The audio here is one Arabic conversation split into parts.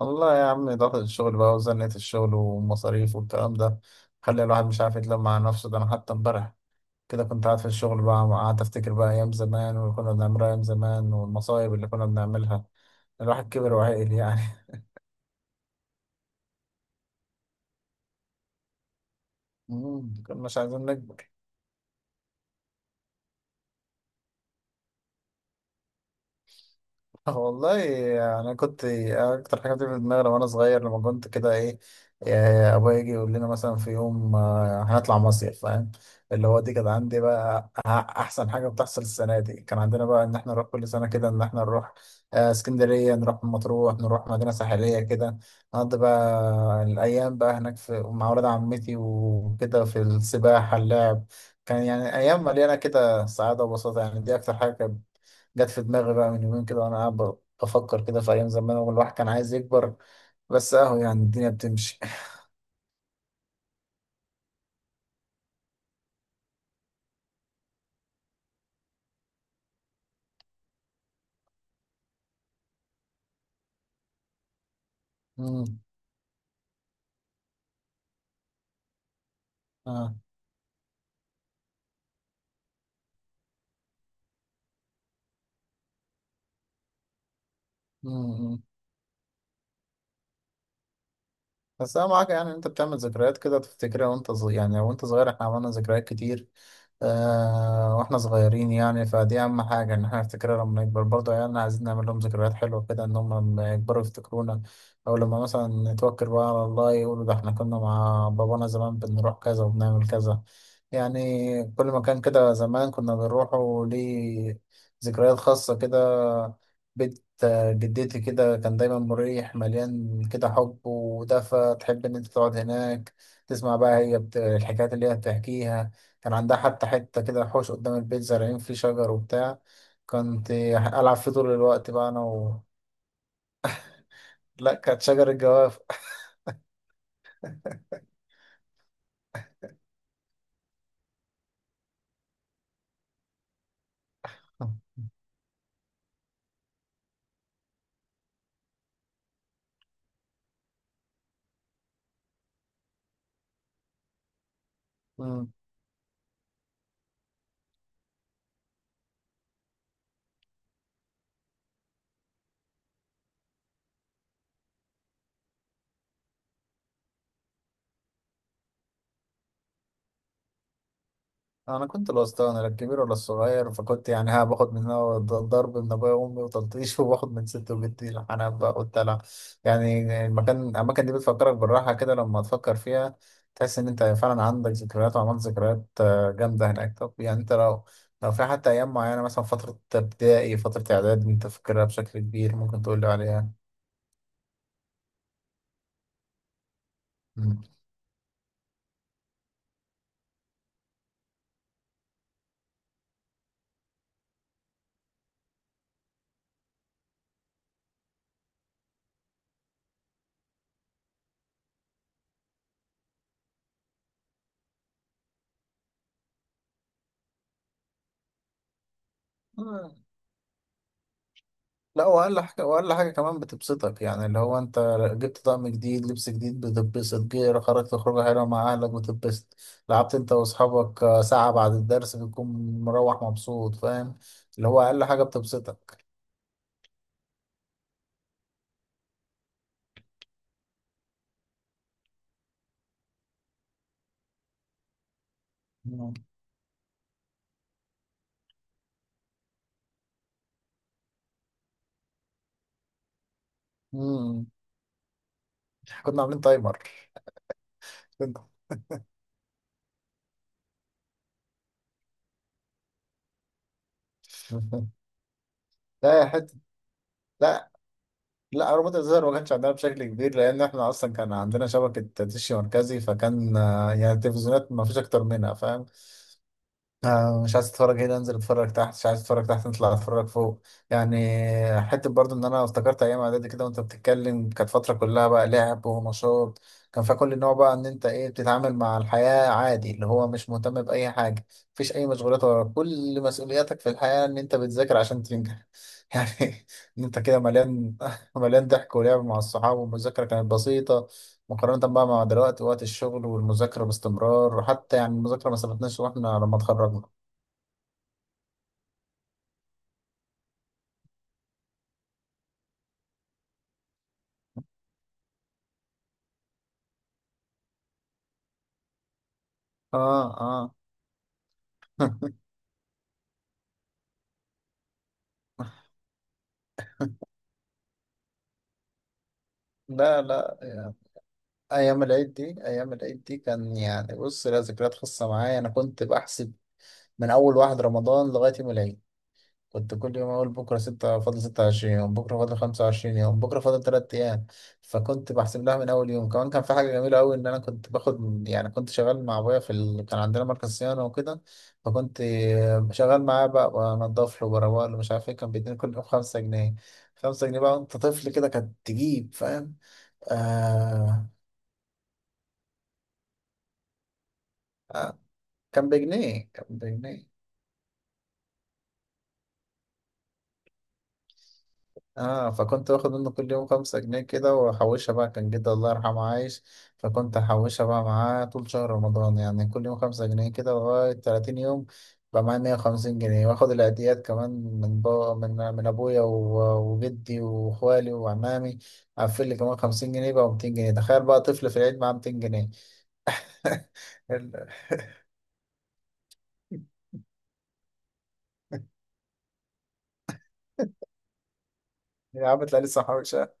والله يا عم، ضغط الشغل بقى وزنة الشغل والمصاريف والكلام ده خلي الواحد مش عارف يتلم مع نفسه. ده انا حتى امبارح كده كنت قاعد في الشغل بقى، قعدت افتكر بقى ايام زمان واللي كنا بنعملها ايام زمان والمصايب اللي كنا بنعملها. الواحد كبر وعقل يعني. مم، كنا مش عايزين نكبر. والله انا كنت اكتر حاجه بتيجي في دماغي وانا صغير لما كنت كده ايه، إيه، ابويا يجي يقول لنا مثلا في يوم، آه، هنطلع مصيف، فاهم؟ اللي هو دي كانت عندي بقى احسن حاجه بتحصل السنه دي، كان عندنا بقى ان احنا نروح كل سنه كده، ان احنا نروح، آه، اسكندريه، نروح مطروح، نروح مدينه ساحليه كده، نقضي بقى الايام بقى هناك في مع ولاد عمتي وكده، في السباحه، اللعب. كان يعني ايام مليانه كده سعاده وبساطه. يعني دي اكتر حاجه جت في دماغي بقى من يومين كده وانا قاعد بفكر كده في ايام زمان والواحد كان عايز يكبر، بس اهو يعني الدنيا بتمشي. امم. اه، بس انا معاك يعني، إن انت بتعمل ذكريات كده تفتكرها وانت صغير. يعني وانت صغير احنا عملنا ذكريات كتير آه واحنا صغيرين. يعني فدي اهم حاجه، ان احنا نفتكرها لما نكبر. برضه عيالنا عايزين نعمل لهم ذكريات حلوه كده، ان هم لما يكبروا يفتكرونا، او لما مثلا نتوكل بقى على الله، يقولوا ده احنا كنا مع بابانا زمان بنروح كذا وبنعمل كذا. يعني كل مكان كده زمان كنا بنروحه ليه ذكريات خاصه كده. جدتي كده كان دايما مريح، مليان كده حب ودفى، تحب إن أنت تقعد هناك تسمع بقى هي الحكايات اللي هي بتحكيها. كان عندها حتى حتة كده حوش قدام البيت، زارعين فيه شجر وبتاع، كنت ألعب فيه طول الوقت بقى أنا لا، كانت شجر الجواف. انا كنت الوسطاني، لا الكبير ولا الصغير، فكنت يعني ها باخد من هنا ضرب من ابويا وامي وتلطيش، وباخد من ست وجدي الحنان بقى والدلع. يعني المكان، الاماكن دي بتفكرك بالراحه كده لما تفكر فيها، تحس ان انت فعلا عندك ذكريات وعملت ذكريات، آه، جامده هناك. طب يعني انت لو، لو في حتى ايام معينه، مثلا فتره ابتدائي، فتره اعداد، انت فاكرها بشكل كبير، ممكن تقول لي عليها؟ مم. لا، واقل حاجه، واقل حاجه كمان بتبسطك، يعني اللي هو انت جبت طقم جديد، لبس جديد، بتتبسط. جه خرجت خروجه حلوه مع اهلك، بتتبسط. لعبت انت واصحابك، آه، ساعه بعد الدرس، بتكون مروح مبسوط، فاهم؟ اللي هو اقل حاجه بتبسطك. مم. مم. كنا عاملين تايمر. كنا. لا يا حته. لا، لا، روبوت الزر ما كانش عندنا بشكل كبير، لان احنا اصلا كان عندنا شبكه دش مركزي، فكان، آه، يعني التلفزيونات ما فيش اكتر منها، فاهم؟ آه، مش عايز اتفرج هنا، انزل اتفرج تحت، مش عايز اتفرج تحت، نطلع اتفرج فوق. يعني حته برضو ان انا افتكرت ايام اعدادي كده وانت بتتكلم. كانت فتره كلها بقى لعب ونشاط. كان فيها كل النوع بقى، ان انت ايه، بتتعامل مع الحياه عادي، اللي هو مش مهتم باي حاجه، مفيش اي مشغولات وراك، كل مسؤولياتك في الحياه ان انت بتذاكر عشان تنجح. يعني ان انت كده مليان مليان ضحك ولعب مع الصحاب، والمذاكره كانت بسيطه مقارنة بقى مع دلوقتي، وقت الشغل والمذاكرة باستمرار. وحتى يعني المذاكرة ما سبتناش واحنا لما اتخرجنا. اه، اه. لا، لا، يعني ايام العيد دي، ايام العيد دي كان يعني بص، لها ذكريات خاصه معايا. انا كنت بحسب من اول 1 رمضان لغايه يوم العيد. كنت كل يوم أقول بكرة ستة، فاضل 26 يوم، بكرة فاضل 25 يوم، بكرة فاضل 3 أيام. فكنت بحسب لها من أول يوم. كمان كان في حاجة جميلة أوي، إن أنا كنت باخد، يعني كنت شغال مع أبويا في كان عندنا مركز صيانة وكده، فكنت شغال معاه بقى، بنضف له وبروق له، مش عارف إيه، كان بيديني كل يوم 5 جنيه. خمسة جنيه بقى وأنت طفل كده كانت تجيب، فاهم؟ آه. آه. كان بجنيه، كان بجنيه. اه، فكنت واخد منه كل يوم خمسة جنيه كده واحوشها بقى. كان جدي الله يرحمه عايش، فكنت احوشها بقى معاه طول شهر رمضان، يعني كل يوم 5 جنيه كده، لغاية 30 يوم بقى معايا 150 جنيه. واخد العيديات كمان من بابا، من ابويا وجدي واخوالي وعمامي، قفل لي كمان 50 جنيه بقى، ومتين جنيه. تخيل بقى طفل في العيد معاه 200 جنيه. يا عم تلاقي لسه محوشها.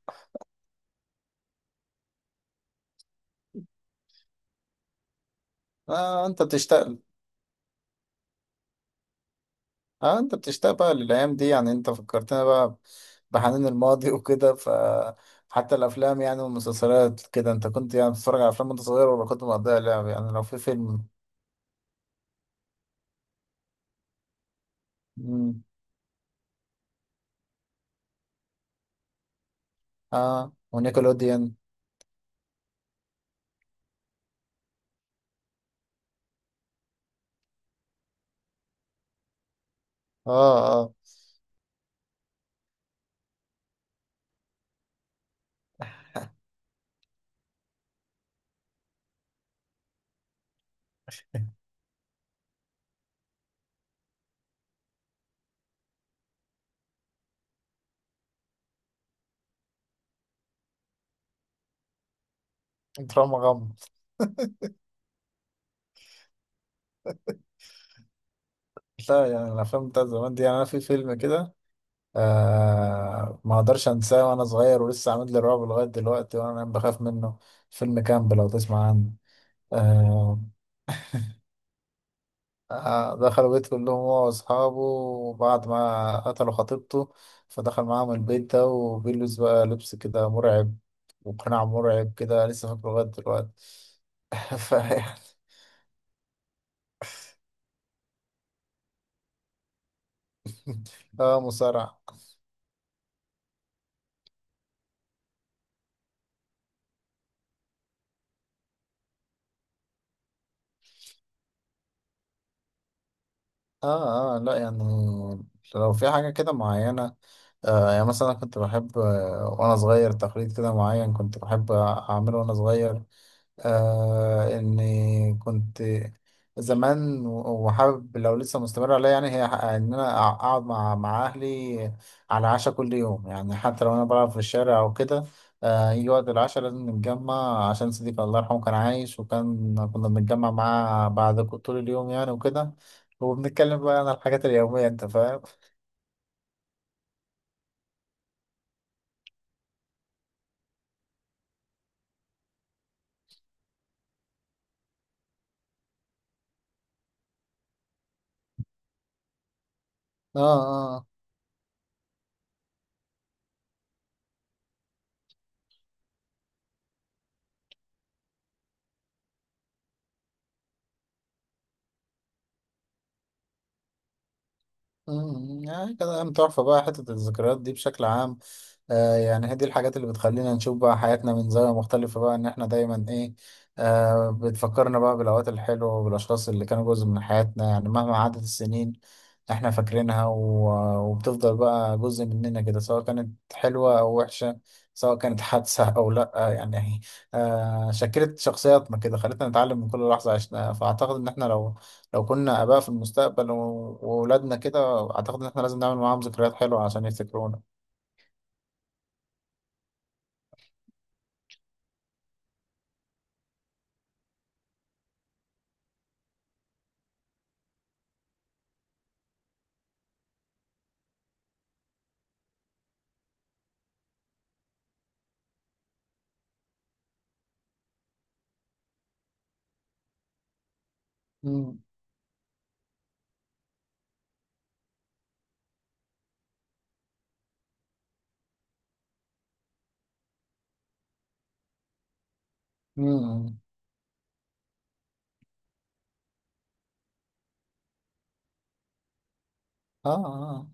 اه، انت بتشتغل. اه، انت بتشتاق بقى للايام دي. يعني انت فكرتنا بقى بحنين الماضي وكده. ف حتى الافلام يعني والمسلسلات كده، انت كنت يعني بتتفرج على افلام وانت صغير، ولا كنت مقضيها لعب؟ يعني لو في فيلم. مم. اه ونيكلوديان. اه، اه. دراما غم. لا، يعني الافلام بتاعت زمان دي، يعني انا في فيلم كده، آه، ما اقدرش انساه، وانا صغير ولسه عامل لي رعب لغايه دلوقتي، وانا بخاف منه. فيلم كامب، لو تسمع عنه. آه. آه، دخلوا بيت كلهم هو وأصحابه، وبعد ما قتلوا خطيبته فدخل معاهم البيت ده، وبيلبس بقى لبس كده مرعب، وقناع مرعب كده، لسه فاكره لغاية دلوقتي. فيعني. اه، مصارعة. اه، اه. لا يعني لو في حاجة كده معينة، آه، يعني مثلا أنا كنت بحب، آه، وأنا صغير، تقليد كده معين كنت بحب أعمله وأنا صغير. آه، اني كنت زمان وحابب لو لسه مستمر عليا، يعني هي ان انا اقعد مع اهلي على عشاء كل يوم. يعني حتى لو انا بلعب في الشارع او كده، آه، يجي وقت العشاء لازم نتجمع، عشان صديقي الله يرحمه كان عايش، وكان كنا بنتجمع معاه بعد طول اليوم يعني وكده، وبنتكلم بقى عن الحاجات اليومية، انت فاهم. اه، اه. أمم، يعني كده أيام تحفة بقى حتة الذكريات دي بشكل عام. آه يعني هي دي الحاجات اللي بتخلينا نشوف بقى حياتنا من زاوية مختلفة، بقى إن إحنا دايما إيه، آه، بتفكرنا بقى بالأوقات الحلوة وبالأشخاص اللي كانوا جزء من حياتنا. يعني مهما عدت السنين، إحنا فاكرينها، و- وبتفضل بقى جزء مننا كده، سواء كانت حلوة أو وحشة، سواء كانت حادثة أو لأ. يعني آه، شكلت شخصياتنا كده، خلتنا نتعلم من كل لحظة عشناها. فأعتقد إن إحنا لو، لو كنا آباء في المستقبل وولادنا كده، أعتقد إن إحنا لازم نعمل معاهم ذكريات حلوة عشان يفتكرونا. امم. اه، اه،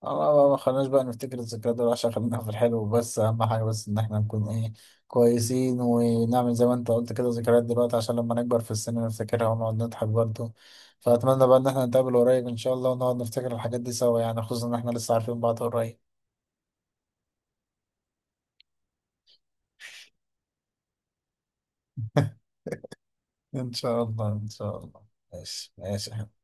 اه، آه، آه، ما خلناش بقى نفتكر الذكريات دي، عشان خلينا في الحلو بس. اهم حاجه بس ان احنا نكون ايه، كويسين، ونعمل زي ما انت قلت كده ذكريات دلوقتي، عشان لما نكبر في السن نفتكرها ونقعد نضحك برضه. فاتمنى بقى ان احنا نتقابل قريب ان شاء الله، ونقعد نفتكر الحاجات دي سوا. يعني خصوصا ان احنا لسه عارفين بعض قريب. ان شاء الله، ان شاء الله. ماشي، ماشي.